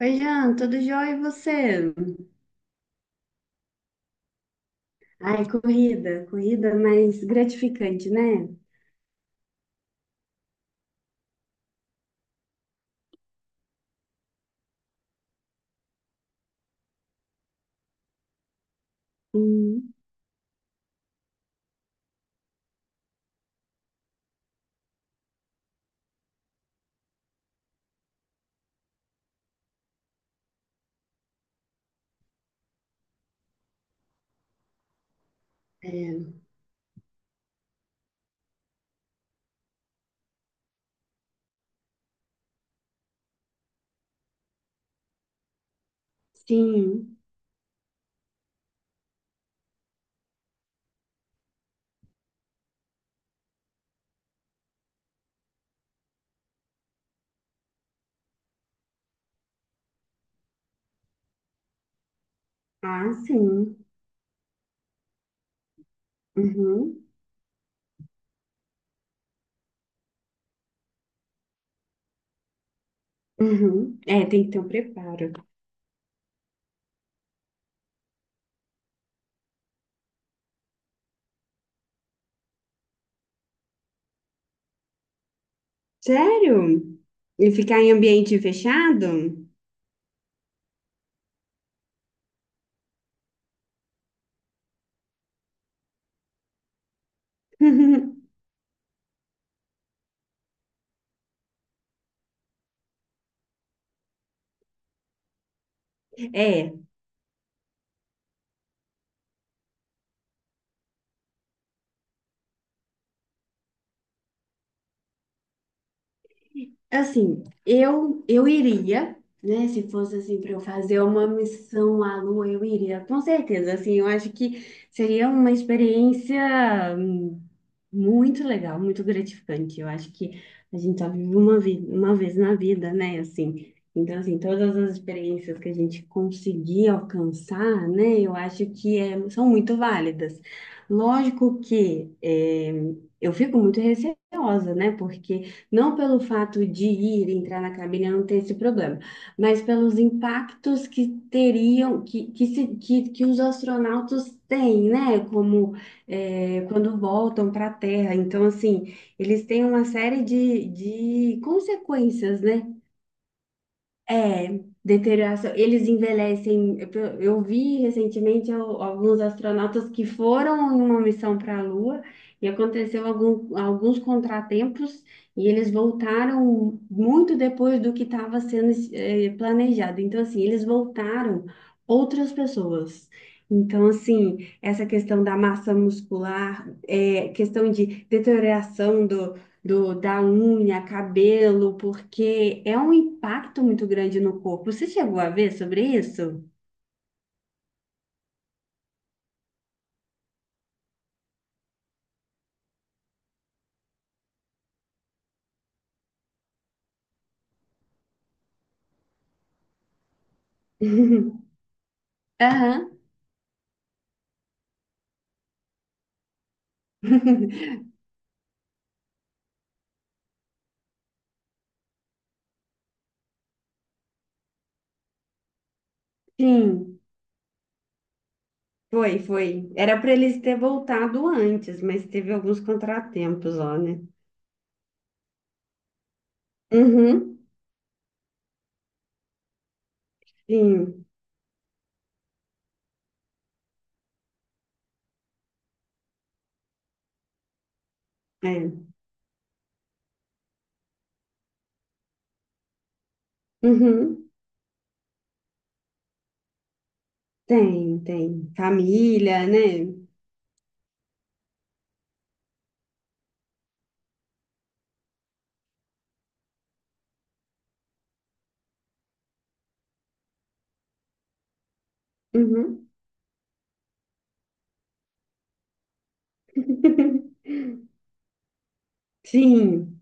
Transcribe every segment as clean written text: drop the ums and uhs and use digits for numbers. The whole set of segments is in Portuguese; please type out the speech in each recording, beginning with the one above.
Oi, Jean, tudo jóia e você? Ai, corrida, corrida mais gratificante, né? Sim. É, sim, ah, sim. Uhum, uhum. É, tem que ter um preparo. Sério? E ficar em ambiente fechado? É, assim, eu iria, né? Se fosse assim para eu fazer uma missão à Lua, eu iria, com certeza. Assim, eu acho que seria uma experiência. Muito legal, muito gratificante. Eu acho que a gente só vive uma vez na vida, né? Assim, então, assim, todas as experiências que a gente conseguir alcançar, né? Eu acho que são muito válidas. Lógico que é, eu fico muito receosa, né? Porque não pelo fato de ir entrar na cabine eu não ter esse problema, mas pelos impactos que teriam, que, se, que os astronautas têm, né? Como é, quando voltam para a Terra. Então, assim, eles têm uma série de consequências, né? É, deterioração. Eles envelhecem. Eu vi recentemente alguns astronautas que foram em uma missão para a Lua e aconteceu alguns contratempos e eles voltaram muito depois do que estava sendo planejado. Então, assim, eles voltaram outras pessoas. Então, assim, essa questão da massa muscular, é, questão de deterioração da unha, cabelo, porque é um impacto muito grande no corpo. Você chegou a ver sobre isso? Aham, sim, foi, foi. Era para eles ter voltado antes, mas teve alguns contratempos, ó, né? Uhum, sim, é. Uhum, tem, tem. Família, né? Uhum. Sim,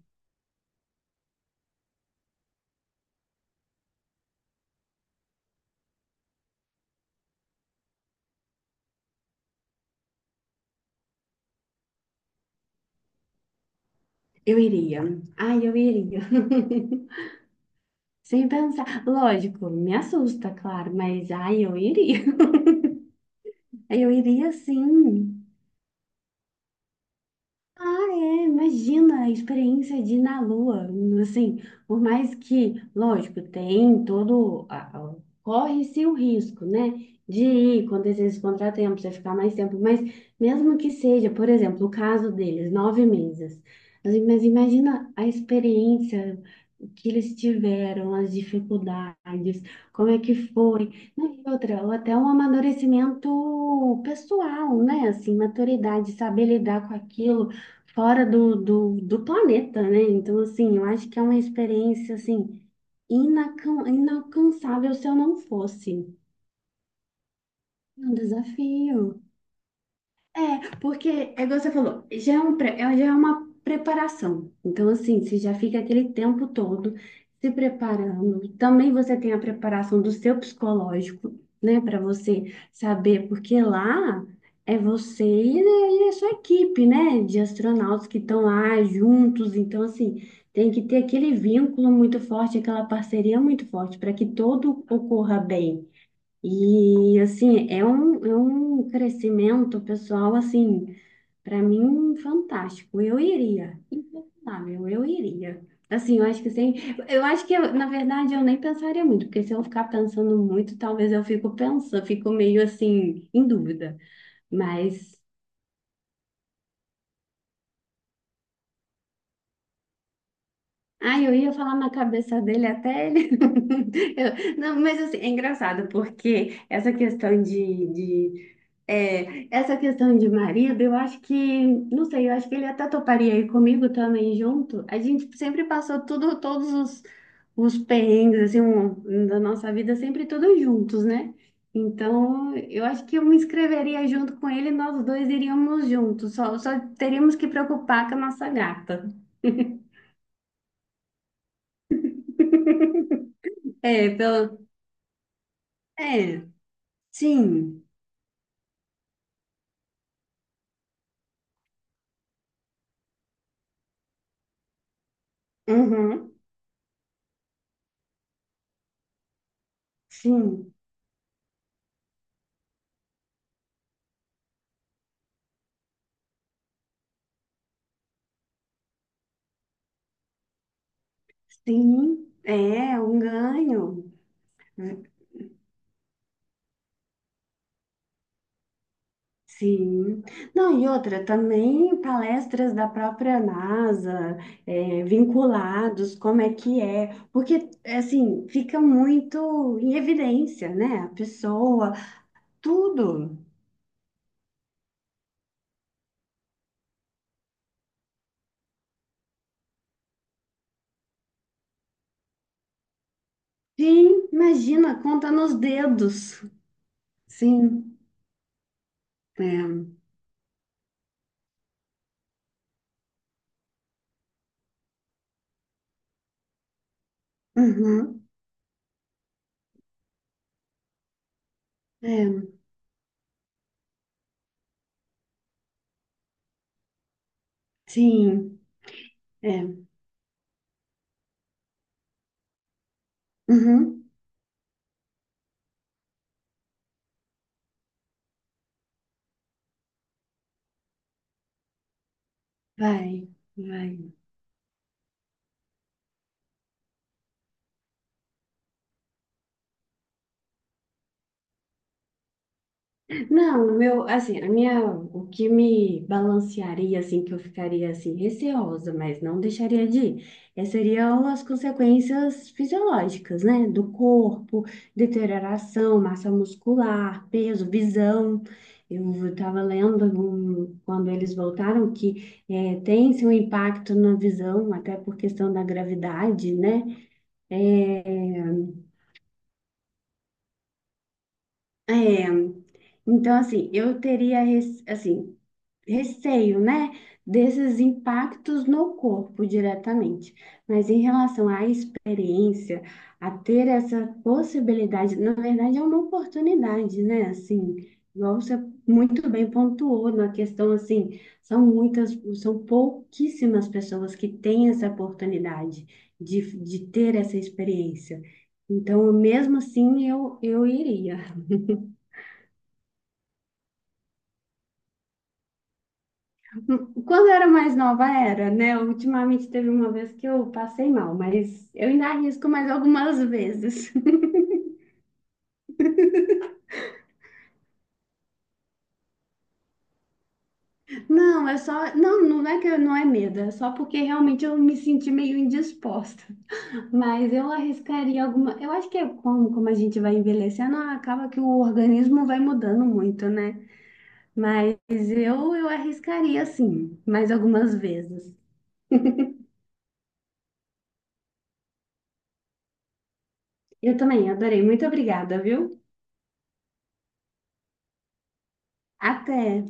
eu iria. Ai, eu iria. Sem pensar. Lógico, me assusta, claro, mas ai, eu iria. Eu iria sim. Ah, é, imagina a experiência de ir na Lua, assim, por mais que, lógico, tem todo, corre-se o risco, né, de ir, acontecer esse contratempo, você ficar mais tempo, mas mesmo que seja, por exemplo, o caso deles, 9 meses. Assim, mas imagina a experiência que eles tiveram, as dificuldades, como é que foi, não, e outra, ou até um amadurecimento pessoal, né, assim, maturidade, saber lidar com aquilo, fora do planeta, né? Então, assim, eu acho que é uma experiência, assim, inalcançável se eu não fosse. É um desafio. É, porque, é igual você falou, já é, um, pré- é- já é uma preparação. Então, assim, você já fica aquele tempo todo se preparando. Também você tem a preparação do seu psicológico, né, para você saber, porque lá é você e a sua equipe, né, de astronautas que estão lá juntos. Então, assim, tem que ter aquele vínculo muito forte, aquela parceria muito forte, para que tudo ocorra bem. E assim, é um crescimento pessoal, assim, para mim, fantástico. Eu iria, impensável, eu iria. Assim, eu acho que sem, eu acho que eu, na verdade eu nem pensaria muito, porque se eu ficar pensando muito, talvez eu fico pensando, fico meio assim em dúvida. Mas ai, eu ia falar na cabeça dele até ele. Não, mas assim, é engraçado, porque essa questão de marido, eu acho que, não sei, eu acho que ele até toparia aí comigo também junto. A gente sempre passou tudo, todos os perrengues, assim, um da nossa vida, sempre todos juntos, né? Então, eu acho que eu me inscreveria junto com ele e nós dois iríamos juntos, só teríamos que preocupar com a nossa gata. É, pelo... É, sim. Uhum. Sim, sim, é um ganho. Sim. Não, e outra, também palestras da própria NASA, é, vinculados, como é que é, porque, assim, fica muito em evidência, né? A pessoa, tudo. Sim, imagina, conta nos dedos. Sim, é. Uhum, é. Sim, é. Uhum, vai, vai. Não, o meu, assim, a minha, o que me balancearia, assim, que eu ficaria, assim, receosa, mas não deixaria de ir, é, seriam as consequências fisiológicas, né? Do corpo, deterioração, massa muscular, peso, visão. Eu estava lendo quando eles voltaram que é, tem-se um impacto na visão, até por questão da gravidade, né? Eh, É, então, assim, eu teria, assim, receio, né, desses impactos no corpo diretamente. Mas em relação à experiência, a ter essa possibilidade, na verdade é uma oportunidade, né? Assim, igual você muito bem pontuou na questão assim, são pouquíssimas pessoas que têm essa oportunidade de ter essa experiência. Então, mesmo assim, eu iria. Quando eu era mais nova, era, né? Ultimamente teve uma vez que eu passei mal, mas eu ainda arrisco mais algumas vezes. Não, é só. Não, não é que não é medo, é só porque realmente eu me senti meio indisposta. Mas eu arriscaria alguma. Eu acho que é como, como a gente vai envelhecendo, acaba que o organismo vai mudando muito, né? Mas eu arriscaria sim, mais algumas vezes. Eu também adorei. Muito obrigada, viu? Até!